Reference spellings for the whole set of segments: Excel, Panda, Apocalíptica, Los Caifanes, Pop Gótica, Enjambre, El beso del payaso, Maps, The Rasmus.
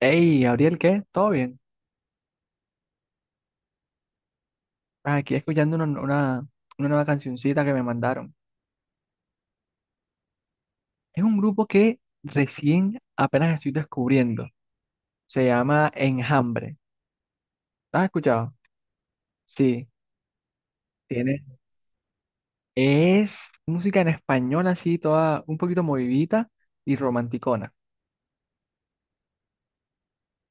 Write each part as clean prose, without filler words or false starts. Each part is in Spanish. Hey, Gabriel, ¿qué? ¿Todo bien? Ah, aquí escuchando una nueva cancioncita que me mandaron. Es un grupo que recién apenas estoy descubriendo. Se llama Enjambre. ¿Lo has escuchado? Sí, tiene. Es música en español así, toda un poquito movidita y romanticona.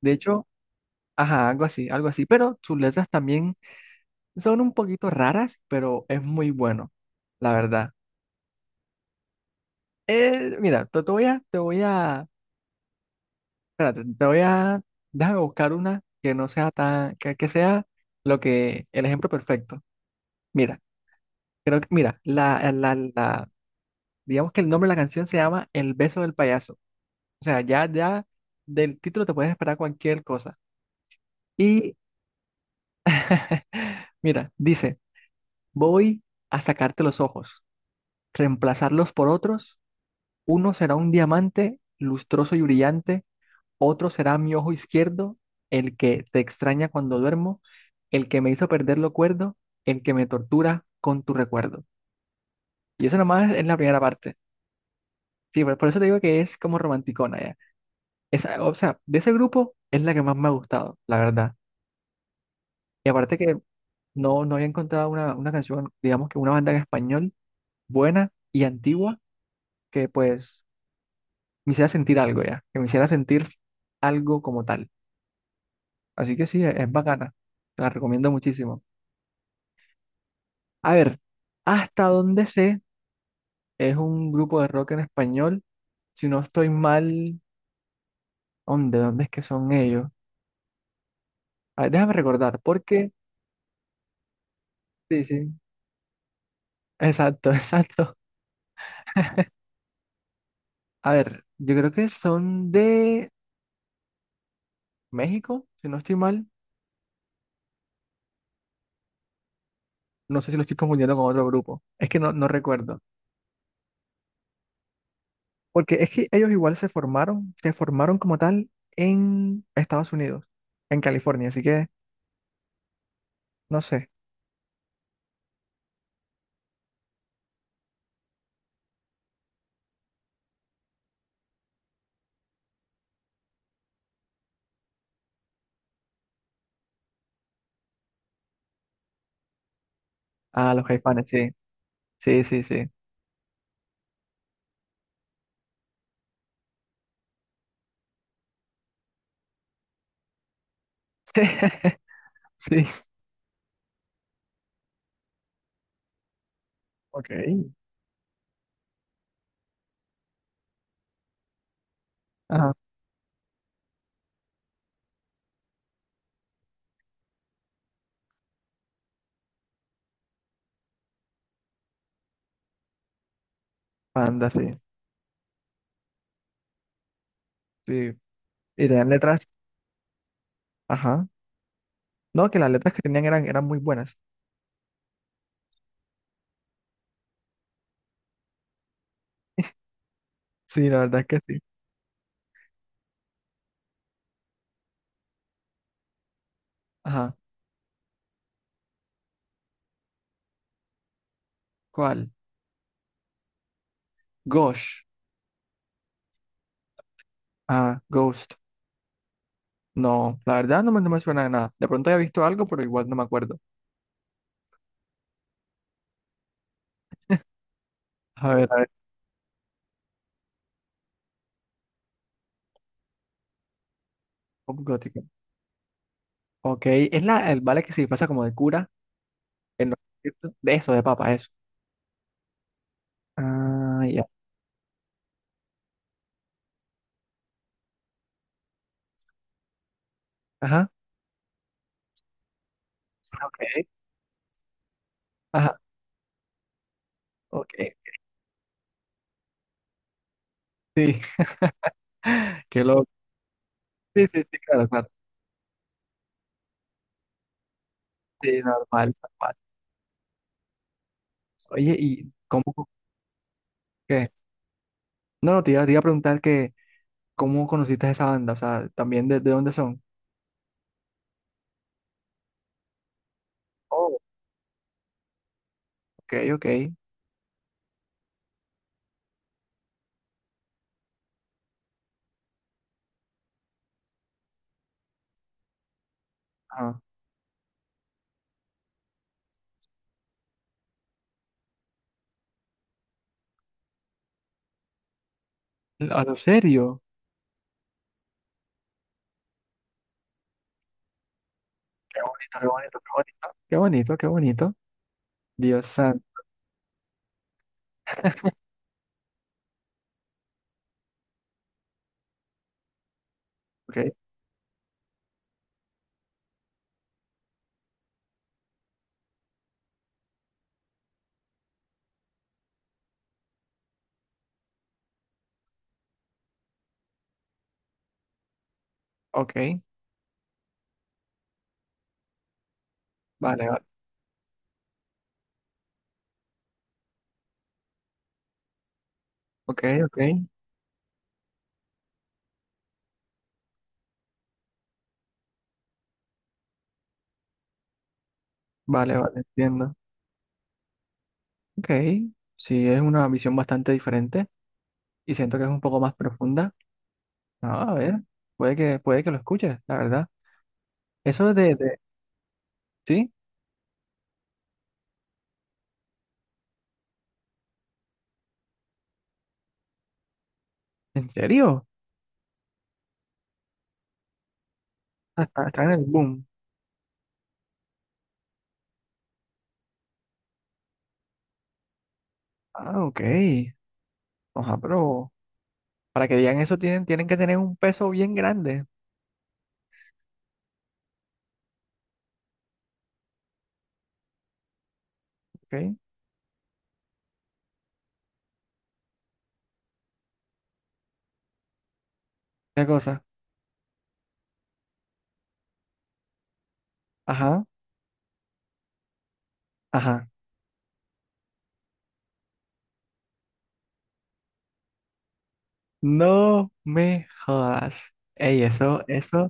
De hecho, ajá, algo así, algo así. Pero sus letras también son un poquito raras, pero es muy bueno, la verdad. Mira, te voy a espérate, déjame buscar una que no sea tan, que sea el ejemplo perfecto. Mira, creo que, mira, digamos que el nombre de la canción se llama El beso del payaso. O sea, ya del título te puedes esperar cualquier cosa. Y, mira, dice, voy a sacarte los ojos, reemplazarlos por otros, uno será un diamante lustroso y brillante, otro será mi ojo izquierdo, el que te extraña cuando duermo, el que me hizo perder lo cuerdo, el que me tortura con tu recuerdo. Y eso nomás es la primera parte. Sí, por eso te digo que es como romanticona ya. Esa, o sea, de ese grupo es la que más me ha gustado, la verdad. Y aparte que no había encontrado una canción, digamos que una banda en español buena y antigua que pues me hiciera sentir algo ya, que me hiciera sentir algo como tal. Así que sí, es bacana. Te la recomiendo muchísimo. A ver, hasta donde sé, es un grupo de rock en español. Si no estoy mal, dónde es que son ellos? A ver, déjame recordar, porque... Sí, sí. Exacto, exacto. A ver, yo creo que son de México, si no estoy mal. No sé si lo estoy confundiendo con otro grupo. Es que no recuerdo. Porque es que ellos igual se formaron como tal en Estados Unidos, en California. Así que, no sé. Ah, los Caifanes, sí. Sí, sí, sí. Sí, ok. Ajá. Panda, sí, sí. Y tenían letras, ajá. No, que las letras que tenían eran muy buenas. Sí, la verdad es que sí. Ajá. ¿Cuál? Gosh. Ah, Ghost. No, la verdad no me suena de nada. De pronto había visto algo, pero igual no me acuerdo. A ver, a ver. Pop gótica. Ok, es la, el vale que se pasa como de cura en los conciertos. De eso, de papa, eso. Ah, ya. Ajá. Ok. Ajá. Ok. Sí. Qué loco. Sí, sí, sí, claro, claro. Sí, normal, normal. Oye, ¿y cómo? ¿Qué? No, no, te iba a preguntar que ¿cómo conociste a esa banda? O sea, ¿también de dónde son? Oh, ok, ok. Ah, a lo serio. Qué bonito, qué bonito, qué bonito. Qué bonito, qué bonito. Dios santo. Ok, ok. Vale, vale. Ok, ok. Vale, vale, entiendo. Ok. Sí, es una visión bastante diferente y siento que es un poco más profunda. Ah, a ver, puede que lo escuches, la verdad. Eso de, ¿sí? ¿En serio? Ah, está, está en el boom. Ah, ok. Ojalá, pero para que digan eso tienen, tienen que tener un peso bien grande. ¿Ok? Una cosa. Ajá, ajá. No me jodas. Ey, eso, eso.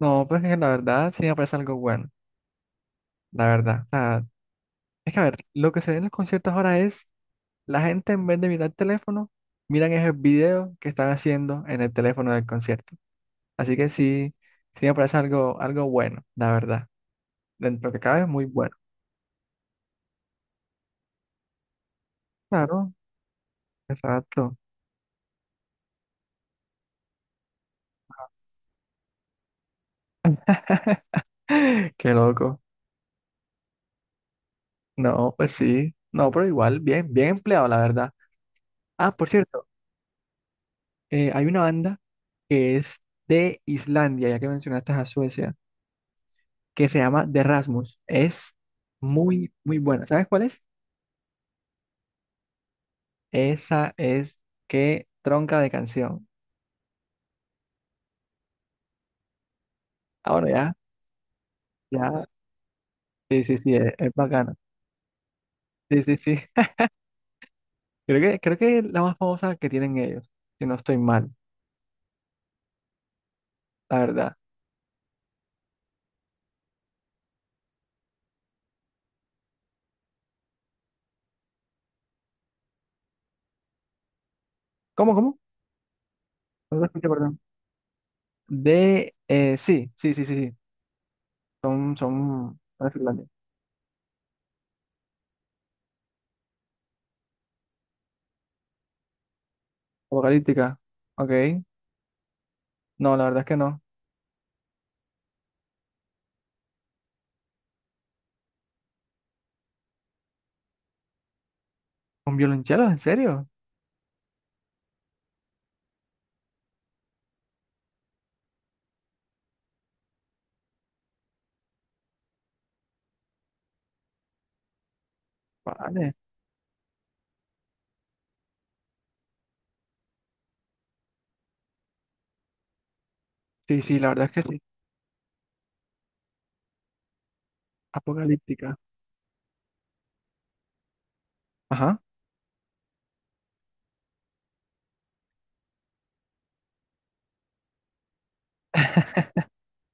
No, pues que la verdad sí me parece algo bueno. La verdad. O sea, es que a ver, lo que se ve en los conciertos ahora es la gente en vez de mirar el teléfono, miran esos videos que están haciendo en el teléfono del concierto. Así que sí, sí me parece algo, algo bueno, la verdad. Dentro de lo que cabe es muy bueno. Claro, exacto. Qué loco. No, pues sí. No, pero igual, bien, bien empleado, la verdad. Ah, por cierto, hay una banda que es de Islandia, ya que mencionaste a Suecia, que se llama The Rasmus. Es muy, muy buena. ¿Sabes cuál es? Esa es qué tronca de canción. Ahora ya, ya, sí, sí, sí, es bacana. Sí, sí, sí. Creo que es la más famosa que tienen ellos, si no estoy mal, la verdad. ¿Cómo, cómo? No lo escuché, perdón. Sí, sí, sí, sí, sí. Son de Finlandia. Apocalíptica. Ok. No, la verdad es que no. ¿Con violonchelos? ¿En serio? Vale. Sí, sí, la verdad es que sí. Apocalíptica. Ajá.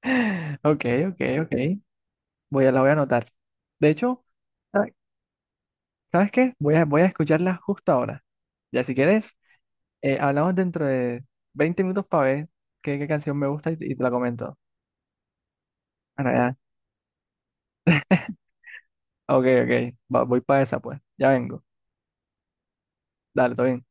Ok, ok, ok. La voy a anotar. De hecho, ¿sabe- ¿sabes qué? Voy a escucharla justo ahora. Ya si quieres, hablamos dentro de 20 minutos para ver qué, qué canción me gusta y te la comento. Bueno, ya. Ok, ok. Voy para esa, pues. Ya vengo. Dale, todo bien.